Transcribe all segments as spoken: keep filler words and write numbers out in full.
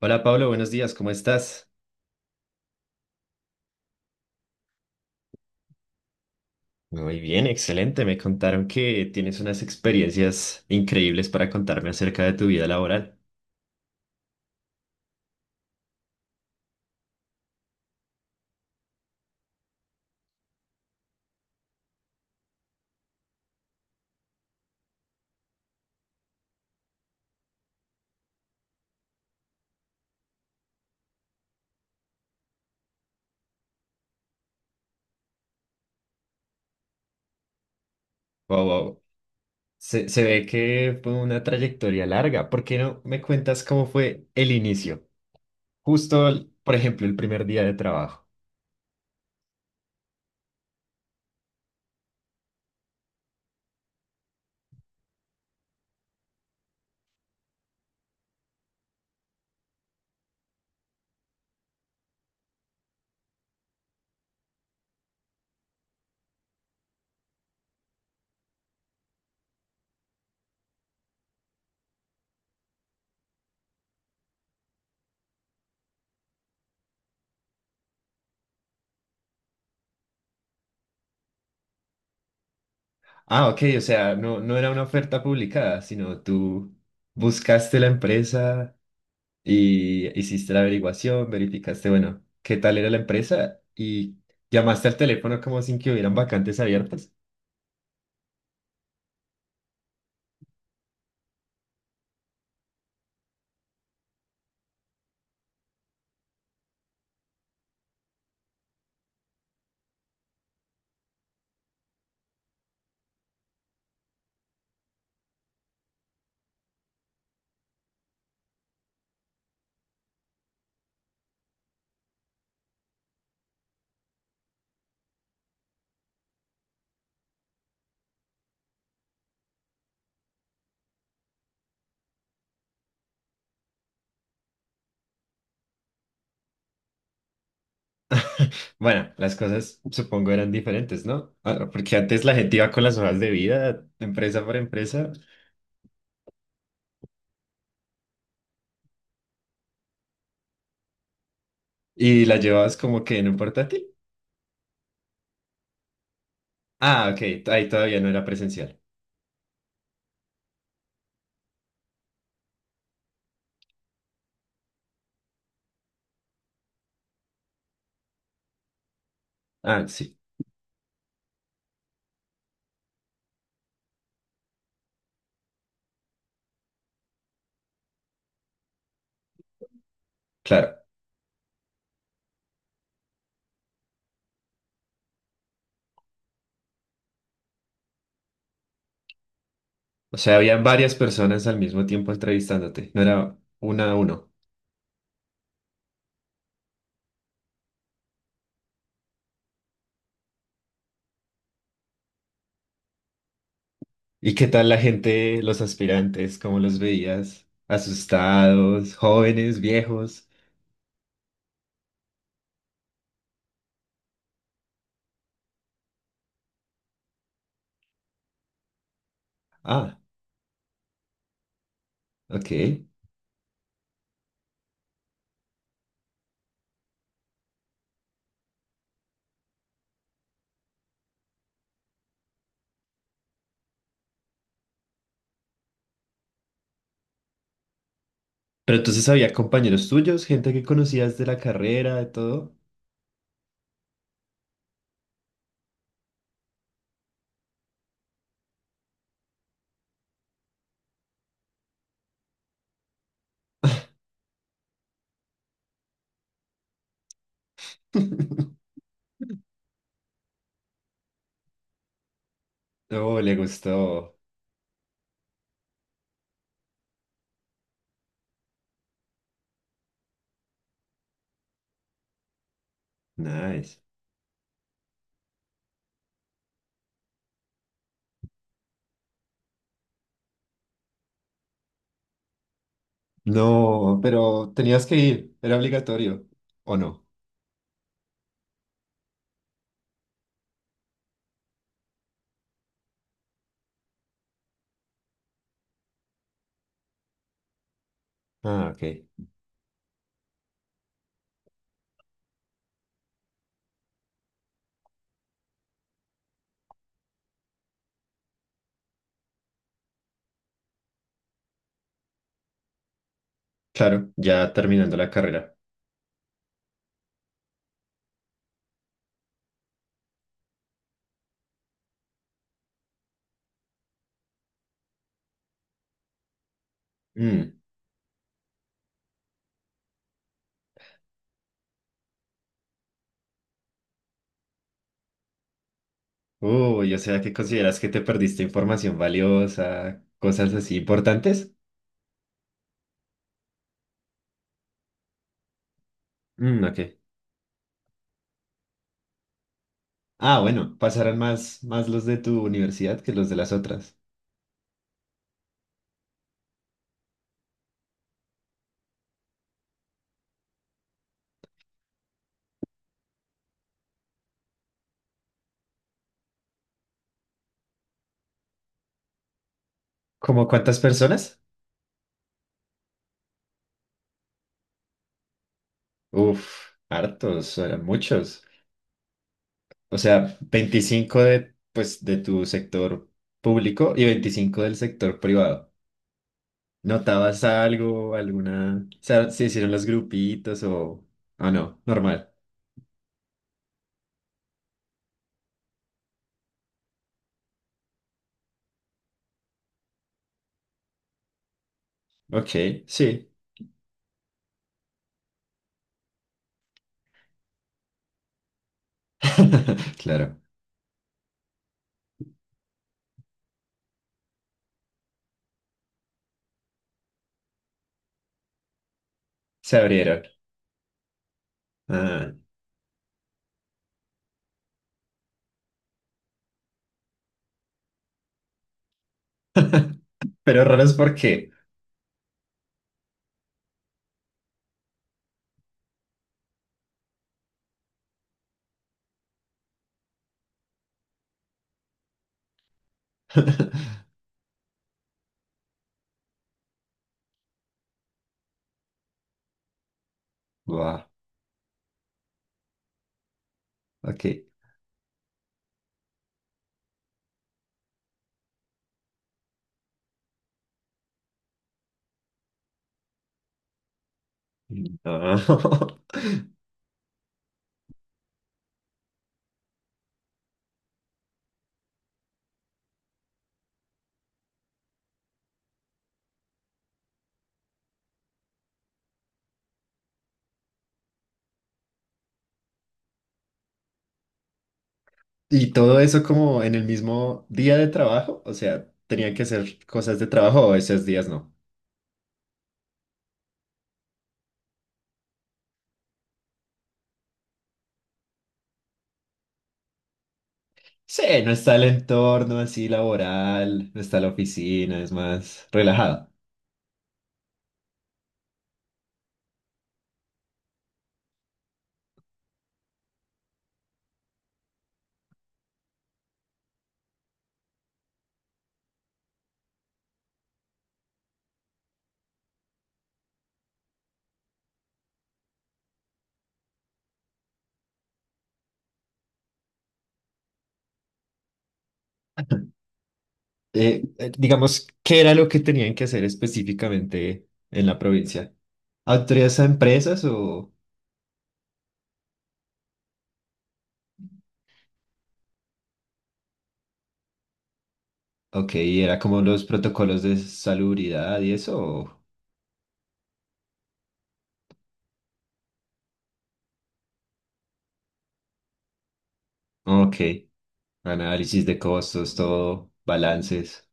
Hola Pablo, buenos días, ¿cómo estás? Muy bien, excelente. Me contaron que tienes unas experiencias increíbles para contarme acerca de tu vida laboral. Wow, wow. Se, se ve que fue una trayectoria larga. ¿Por qué no me cuentas cómo fue el inicio? Justo, el- por ejemplo, el primer día de trabajo. Ah, ok, o sea, no, no era una oferta publicada, sino tú buscaste la empresa, y hiciste la averiguación, verificaste, bueno, qué tal era la empresa y llamaste al teléfono como sin que hubieran vacantes abiertas. Bueno, las cosas supongo eran diferentes, ¿no? Ah, porque antes la gente iba con las hojas de vida, empresa por empresa, y la llevabas como que en un portátil. Ah, ok, ahí todavía no era presencial. Ah, sí, claro. O sea, habían varias personas al mismo tiempo entrevistándote, no era una a uno. ¿Y qué tal la gente, los aspirantes? ¿Cómo los veías? ¿Asustados, jóvenes, viejos? Ah, ok. Pero entonces había compañeros tuyos, gente que conocías de la carrera, de todo. No, le gustó. Nice. No, pero tenías que ir, era obligatorio. ¿O no? Ah, ok. Claro, ya terminando la carrera. Mm. Uy, o sea, ¿qué consideras que te perdiste información valiosa, cosas así importantes? Mm, ok. Ah, bueno, pasarán más, más los de tu universidad que los de las otras. ¿Cómo cuántas personas? Uf, hartos, eran muchos. O sea, veinticinco de, pues, de tu sector público y veinticinco del sector privado. ¿Notabas algo, alguna... O sea, ¿se hicieron los grupitos o... Ah, no, normal. Ok, sí. Claro, se abrieron. Ah. Pero raros, ¿por qué? Guau, ok. No. Y todo eso como en el mismo día de trabajo, o sea, ¿tenían que hacer cosas de trabajo o esos días no? Sí, no está el entorno así laboral, no está la oficina, es más relajado. Eh, eh, digamos, ¿qué era lo que tenían que hacer específicamente en la provincia? ¿Autoridades a empresas o, ok, era como los protocolos de salubridad y eso? O- ok, análisis de costos, todo, balances.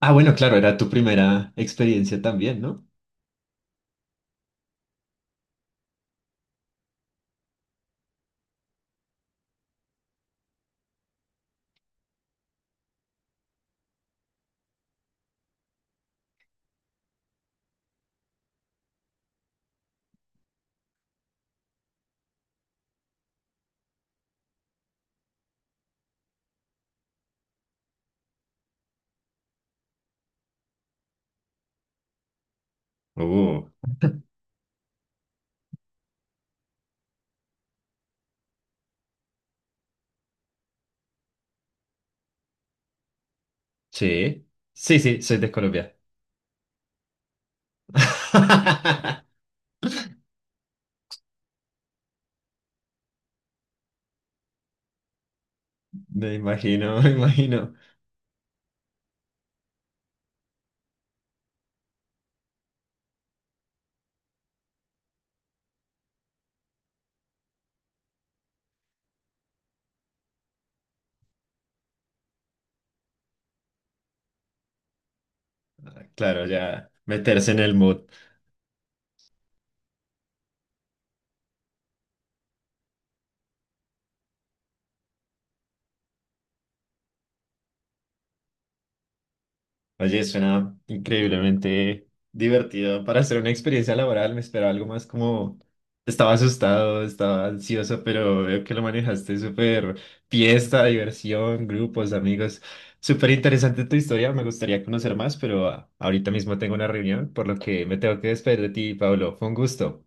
Ah, bueno, claro, era tu primera experiencia también, ¿no? Uh, sí. Sí, sí, soy de Colombia. Me imagino, me imagino. Claro, ya meterse en el mood. Oye, suena increíblemente divertido para hacer una experiencia laboral. Me esperaba algo más como... Estaba asustado, estaba ansioso, pero veo que lo manejaste súper fiesta, diversión, grupos, amigos. Súper interesante tu historia, me gustaría conocer más, pero ah, ahorita mismo tengo una reunión, por lo que me tengo que despedir de ti, Pablo. Fue un gusto.